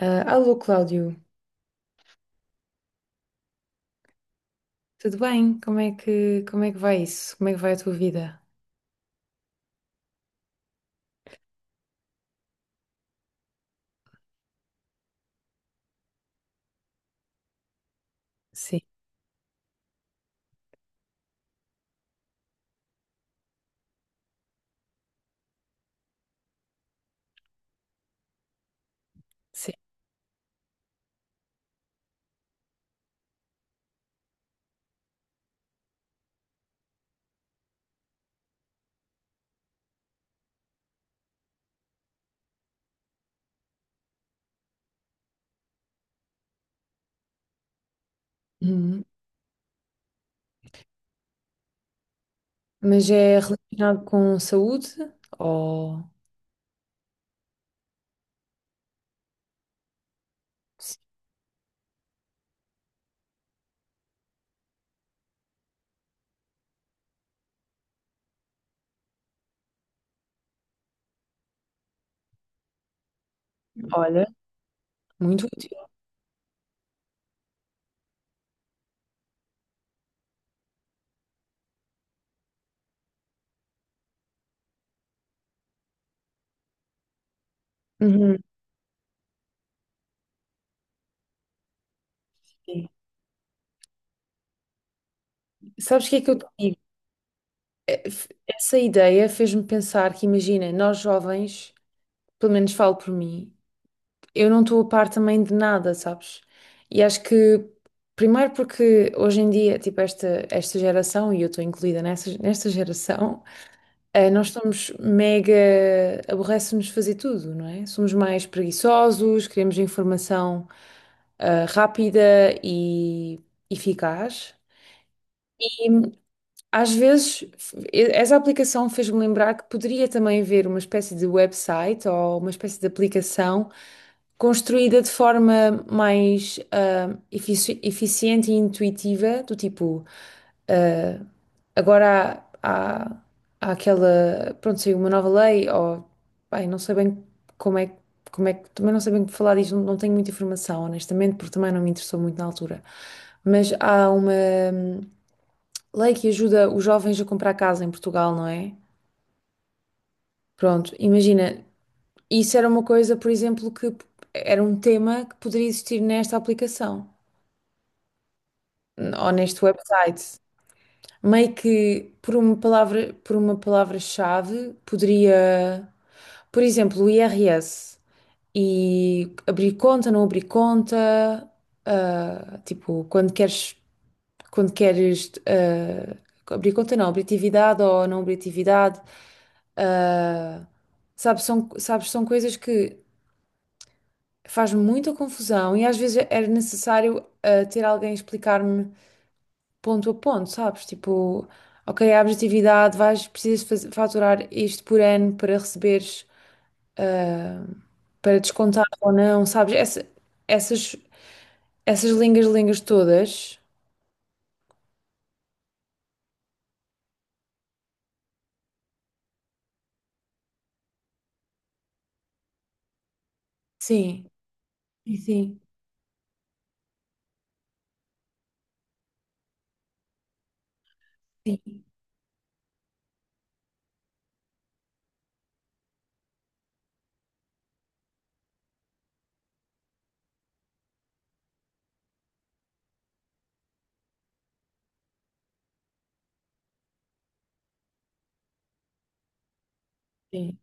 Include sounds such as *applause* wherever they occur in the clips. Ah, alô, Cláudio, tudo bem? Como é que vai isso? Como é que vai a tua vida? Sim, sim. Uhum. Mas é relacionado com saúde? Ou... Sim. Olha, muito útil. Uhum, sim. Sabes o que é que eu te digo? Essa ideia fez-me pensar que, imagina, nós jovens, pelo menos falo por mim, eu não estou a par também de nada, sabes? E acho que, primeiro porque hoje em dia, tipo, esta geração, e eu estou incluída nesta geração. Nós somos mega. Aborrece-nos fazer tudo, não é? Somos mais preguiçosos, queremos informação rápida e eficaz. Às vezes, essa aplicação fez-me lembrar que poderia também haver uma espécie de website ou uma espécie de aplicação construída de forma mais eficiente e intuitiva, do tipo, ah, agora há aquela, pronto, saiu uma nova lei, ou, bem, não sei bem como é, que- como é que, também não sei bem falar disto, não, não tenho muita informação, honestamente, porque também não me interessou muito na altura. Mas há uma lei que ajuda os jovens a comprar casa em Portugal, não é? Pronto, imagina, isso era uma coisa, por exemplo, era um tema que poderia existir nesta aplicação ou neste website. Meio que por uma palavra, por uma palavra-chave poderia, por exemplo, o IRS e abrir conta, não abrir conta, tipo, quando queres quando queres eh, abrir conta, não, abrir atividade ou não abrir atividade. Ah, sabes, são coisas que faz muita confusão e às vezes era necessário ter alguém explicar-me ponto a ponto, sabes? Tipo, ok, abres atividade, vais, faturar isto por ano para receberes, ah, para descontar ou não, sabes? Essas, essas lingas lingas todas. Sim, sim, sim, sim.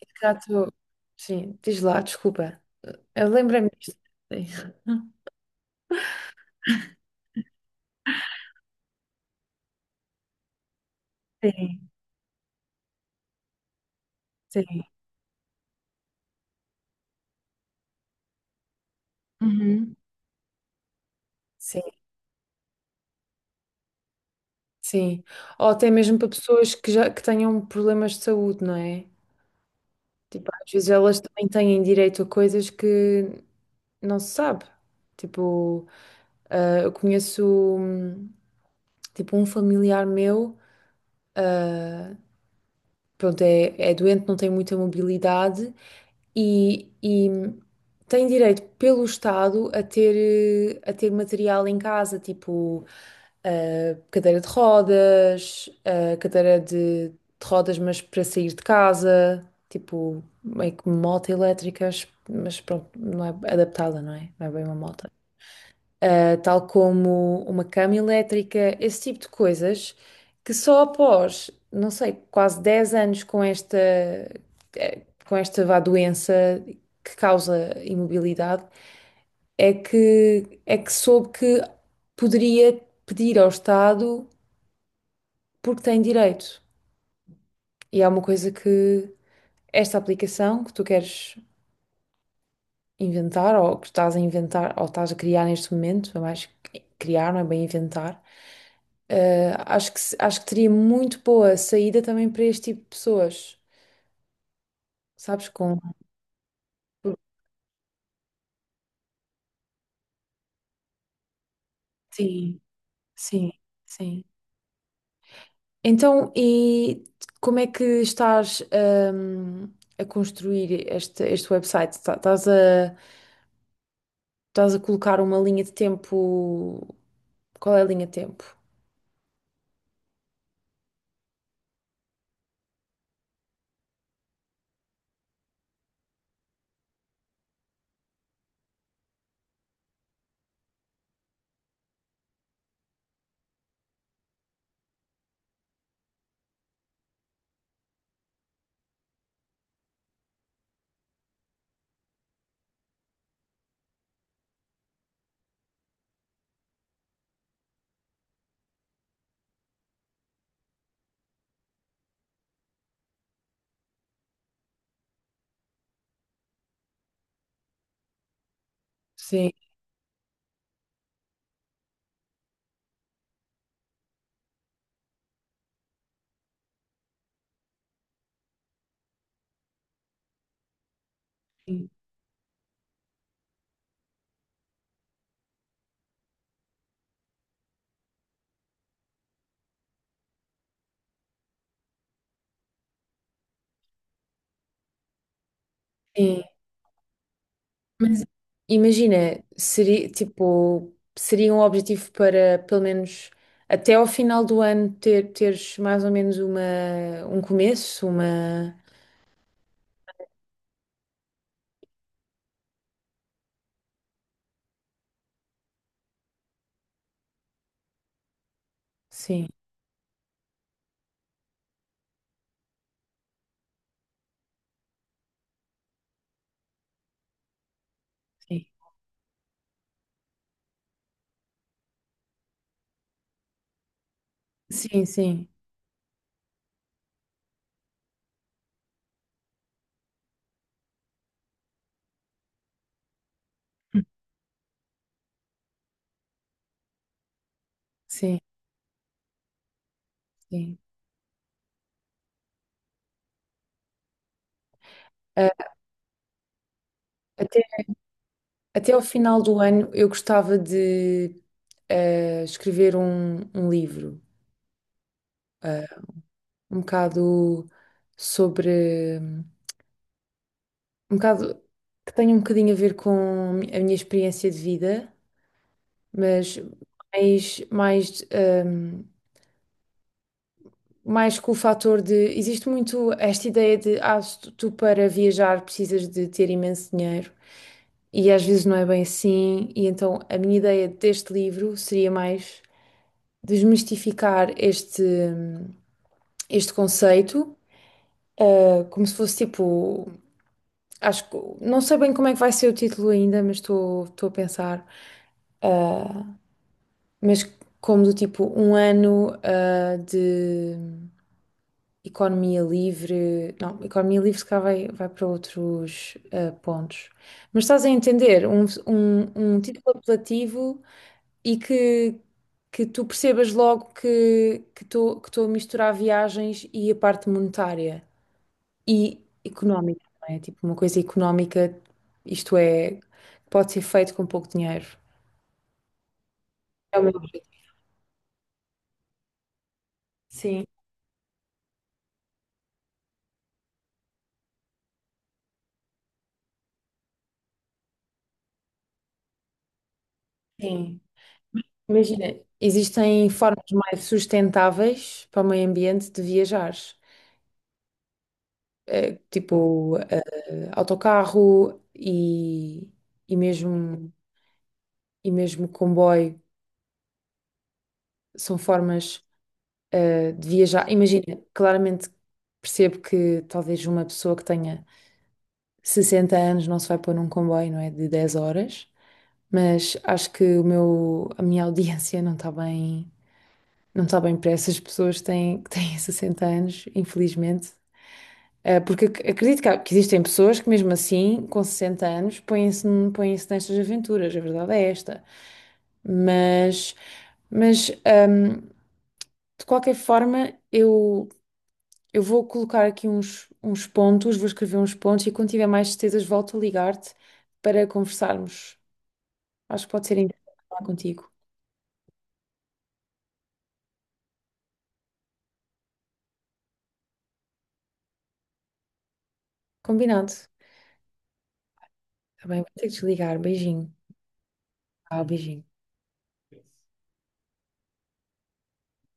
Exato. Sim, diz lá, desculpa. Eu lembrei-me disto. Sim, sim. Sim. Uhum. Sim, sim. Ou até mesmo para pessoas que já que tenham problemas de saúde, não é? Tipo, às vezes elas também têm direito a coisas que não se sabe. Tipo, eu conheço hum, tipo um familiar meu. ah, Pronto, é doente, não tem muita mobilidade e tem direito pelo Estado a ter material em casa, tipo cadeira de rodas, eh, cadeira de rodas, mas para sair de casa, tipo meio que moto elétricas, mas pronto, não é adaptada, não é? Não é bem uma moto tal como uma cama elétrica, esse tipo de coisas, que só após, não sei, quase 10 anos com com esta vá doença que causa imobilidade, é que soube que poderia pedir ao Estado porque tem direito. E é uma coisa que esta aplicação que tu queres inventar ou que estás a inventar ou estás a criar neste momento, eu acho que criar não é bem inventar. Acho que, acho que teria muito boa saída também para este tipo de pessoas, sabes? Com... Sim, sim, sim. Então, e como é que estás, hum, a construir este website? Estás a colocar uma linha de tempo. Qual é a linha de tempo? Sim. Sim. Mas imagina, seria tipo, seria um objetivo para pelo menos até ao final do ano teres mais ou menos um começo, uma. Sim, sim. Sim, sim, sim, sim. Ah, até até ao final do ano eu gostava de escrever um livro, eh, um bocado sobre, um bocado que tenha um bocadinho a ver com a minha experiência de vida, mas mais, mais, ehm, mais com o fator de, existe muito esta ideia de, ah, se tu para viajar precisas de ter imenso dinheiro. E às vezes não é bem assim, e então a minha ideia deste livro seria mais desmistificar este conceito, eh, como se fosse tipo. Acho que não sei bem como é que vai ser o título ainda, mas estou a pensar. Uh, mas como do tipo um ano de economia livre, não, economia livre se calhar vai para outros pontos. Mas estás a entender, um título apelativo e que, que tu percebas logo que estou a misturar viagens e a parte monetária e económica, não é? Tipo, uma coisa económica, isto é, pode ser feito com pouco dinheiro. É o meu objetivo. Sim, sim. Imagina, existem formas mais sustentáveis para o meio ambiente de viajar. Tipo autocarro e, e mesmo, e mesmo comboio, são formas de viajar. Imagina, claramente percebo que talvez uma pessoa que tenha 60 anos não se vai pôr num comboio, não é? De 10 horas, mas acho que a minha audiência não está bem, não está bem para essas pessoas que têm *laughs* 60 anos, infelizmente. Porque acredito que existem pessoas que, mesmo assim, com 60 anos, põem-se nestas aventuras, a verdade é esta. Mas, mas hum, de qualquer forma, eu. Eu vou colocar aqui uns pontos, vou escrever uns pontos e quando tiver mais certezas volto a ligar-te para conversarmos. Acho que pode ser interessante falar contigo. Combinado. Tá bem, vou ter que desligar. Beijinho. Tchau, beijinho.